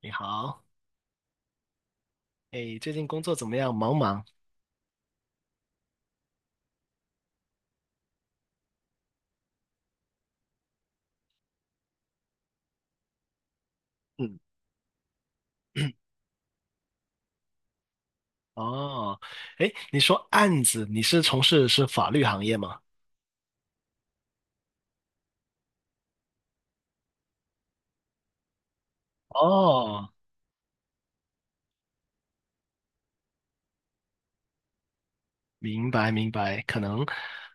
你好。哎，最近工作怎么样？忙不忙？嗯。哦。哎，你说案子，你是从事是法律行业吗？哦，明白明白。可能，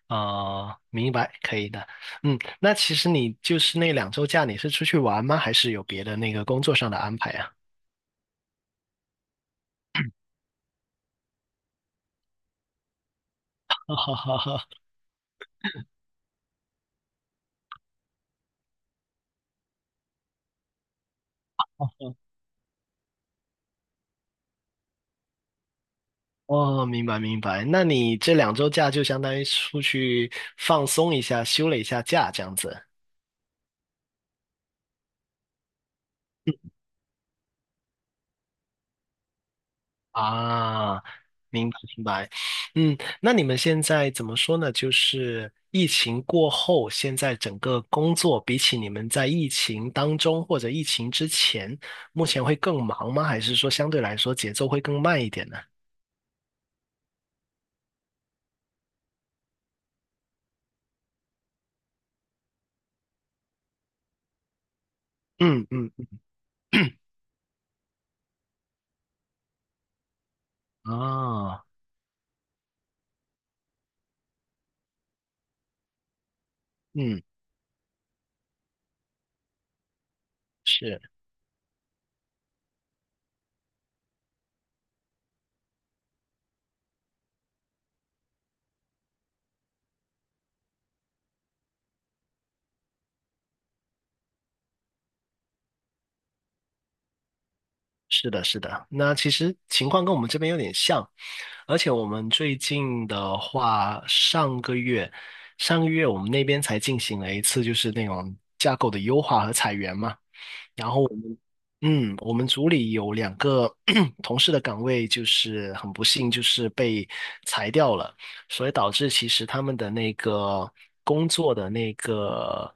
明白，可以的。嗯，那其实你就是那两周假，你是出去玩吗？还是有别的那个工作上的安排啊？哈哈哈哈。哦，明白明白。那你这两周假就相当于出去放松一下，休了一下假，这样子。啊，明白明白。嗯，那你们现在怎么说呢？就是疫情过后，现在整个工作比起你们在疫情当中或者疫情之前，目前会更忙吗？还是说相对来说节奏会更慢一点呢？嗯嗯。啊。嗯。是。是的，是的。那其实情况跟我们这边有点像，而且我们最近的话，上个月，上个月我们那边才进行了一次就是那种架构的优化和裁员嘛。然后我们，嗯，我们组里有两个 同事的岗位，就是很不幸，就是被裁掉了，所以导致其实他们的那个工作的那个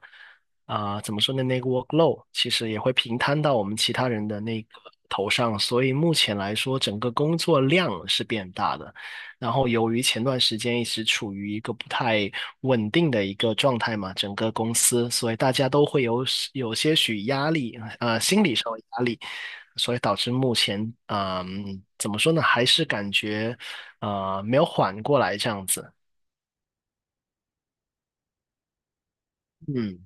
怎么说呢，那个 workload 其实也会平摊到我们其他人的那个头上，所以目前来说，整个工作量是变大的。然后由于前段时间一直处于一个不太稳定的一个状态嘛，整个公司，所以大家都会有些许压力，心理上的压力，所以导致目前，怎么说呢，还是感觉没有缓过来这样子。嗯。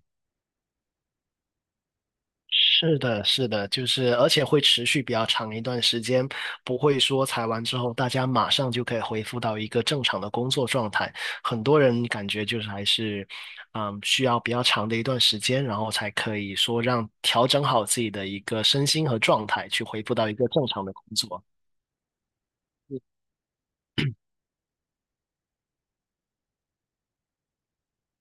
是的，是的，就是而且会持续比较长一段时间，不会说裁完之后大家马上就可以恢复到一个正常的工作状态。很多人感觉就是还是，嗯，需要比较长的一段时间，然后才可以说让调整好自己的一个身心和状态，去恢复到一个正常的工作。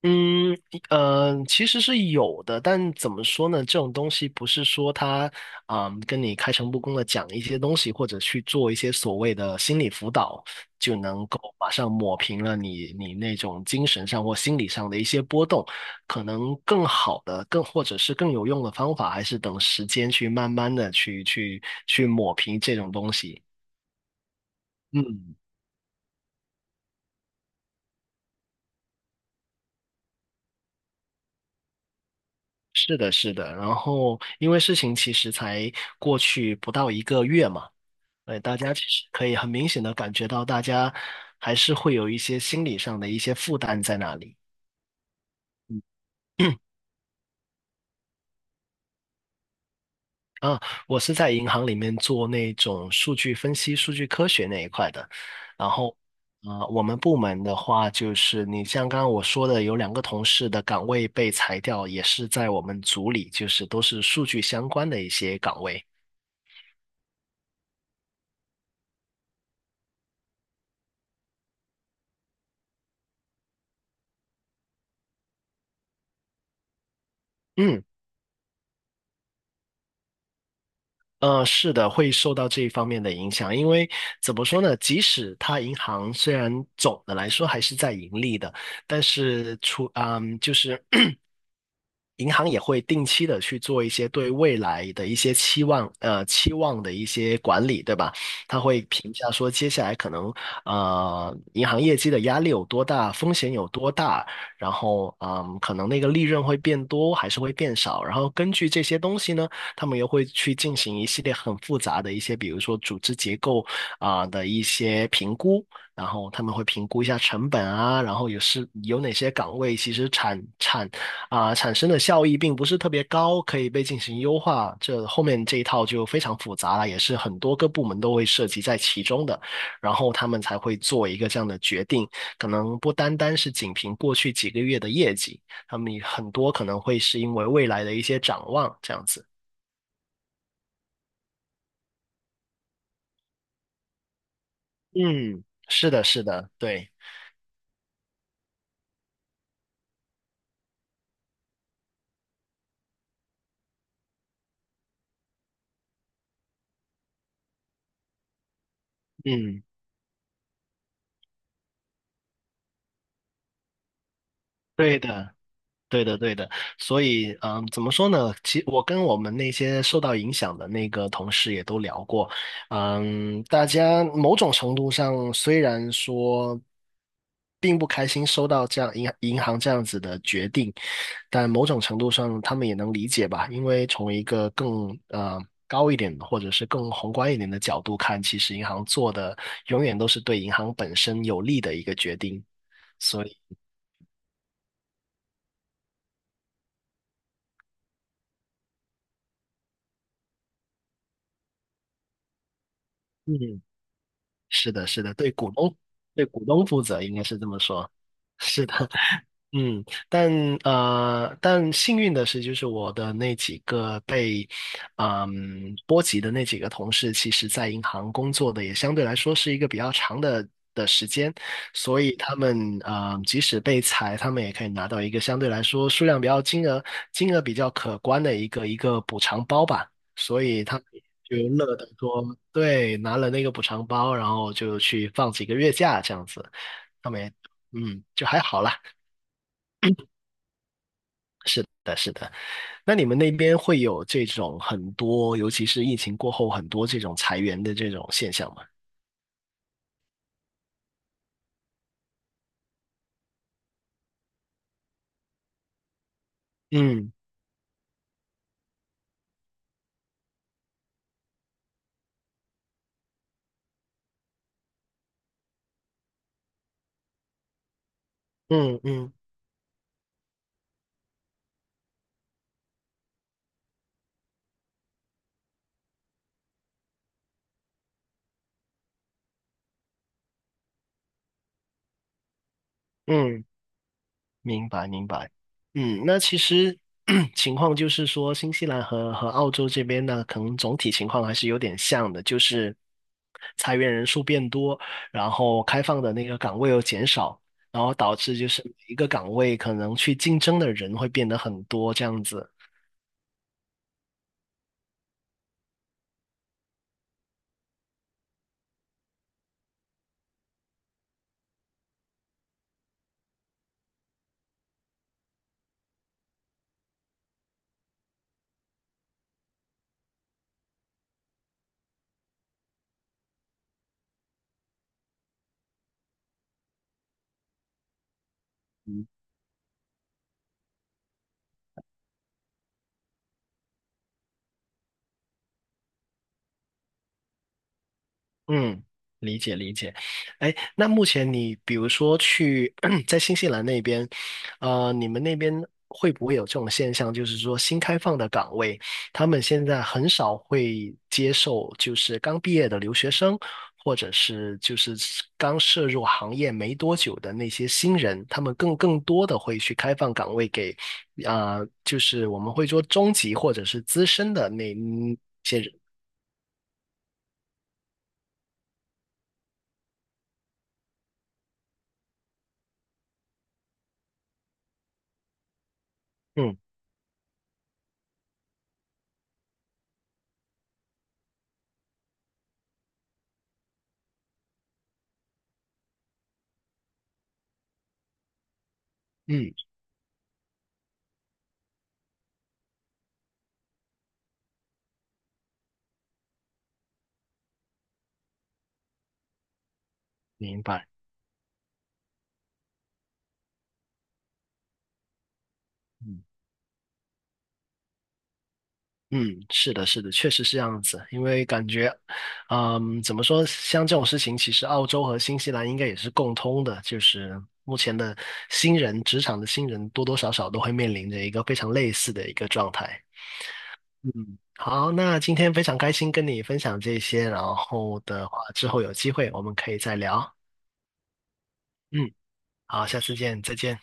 嗯，其实是有的，但怎么说呢？这种东西不是说他，嗯，跟你开诚布公的讲一些东西，或者去做一些所谓的心理辅导，就能够马上抹平了你那种精神上或心理上的一些波动。可能更好的、更或者是更有用的方法，还是等时间去慢慢的去抹平这种东西。嗯，是的，是的。然后，因为事情其实才过去不到一个月嘛。对，大家其实可以很明显的感觉到，大家还是会有一些心理上的一些负担在那里。嗯。啊，我是在银行里面做那种数据分析、数据科学那一块的。然后，啊，我们部门的话，就是你像刚刚我说的，有两个同事的岗位被裁掉，也是在我们组里，就是都是数据相关的一些岗位。嗯。是的，会受到这一方面的影响，因为怎么说呢？即使它银行虽然总的来说还是在盈利的，但是就是 银行也会定期的去做一些对未来的一些期望，期望的一些管理，对吧？他会评价说接下来可能银行业绩的压力有多大，风险有多大，然后嗯，可能那个利润会变多还是会变少，然后根据这些东西呢。他们又会去进行一系列很复杂的一些，比如说组织结构的一些评估，然后他们会评估一下成本啊，然后也是有哪些岗位其实产生的效益并不是特别高，可以被进行优化。这后面这一套就非常复杂了，也是很多个部门都会涉及在其中的，然后他们才会做一个这样的决定，可能不单单是仅凭过去几个月的业绩。他们很多可能会是因为未来的一些展望这样子。嗯，是的，是的，对。嗯，对的。对的，对的，所以，嗯，怎么说呢？我跟我们那些受到影响的那个同事也都聊过，嗯，大家某种程度上虽然说并不开心收到这样银行这样子的决定，但某种程度上他们也能理解吧，因为从一个更高一点的或者是更宏观一点的角度看，其实银行做的永远都是对银行本身有利的一个决定，所以。嗯。是的，是的，对股东，对股东负责，应该是这么说。是的。嗯，但幸运的是，就是我的那几个被波及的那几个同事，其实在银行工作的也相对来说是一个比较长的时间，所以他们即使被裁，他们也可以拿到一个相对来说数量比较金额比较可观的一个补偿包吧，所以他们就乐得说，对，拿了那个补偿包，然后就去放几个月假这样子，他们也嗯就还好啦，但是的。那你们那边会有这种很多，尤其是疫情过后很多这种裁员的这种现象吗？嗯嗯嗯嗯，明白明白。嗯，那其实 情况就是说，新西兰和澳洲这边呢，可能总体情况还是有点像的，就是裁员人数变多，然后开放的那个岗位又减少，然后导致就是每一个岗位可能去竞争的人会变得很多这样子。嗯，理解理解。哎，那目前你比如说去 在新西兰那边，你们那边会不会有这种现象，就是说新开放的岗位，他们现在很少会接受就是刚毕业的留学生，或者是就是刚涉入行业没多久的那些新人，他们更多的会去开放岗位给，啊，就是我们会说中级或者是资深的那，嗯,明白。嗯嗯，是的，是的，确实是这样子。因为感觉，嗯，怎么说，像这种事情，其实澳洲和新西兰应该也是共通的，就是目前的新人，职场的新人多多少少都会面临着一个非常类似的一个状态。嗯，好，那今天非常开心跟你分享这些，然后的话，之后有机会我们可以再聊。嗯，好，下次见，再见。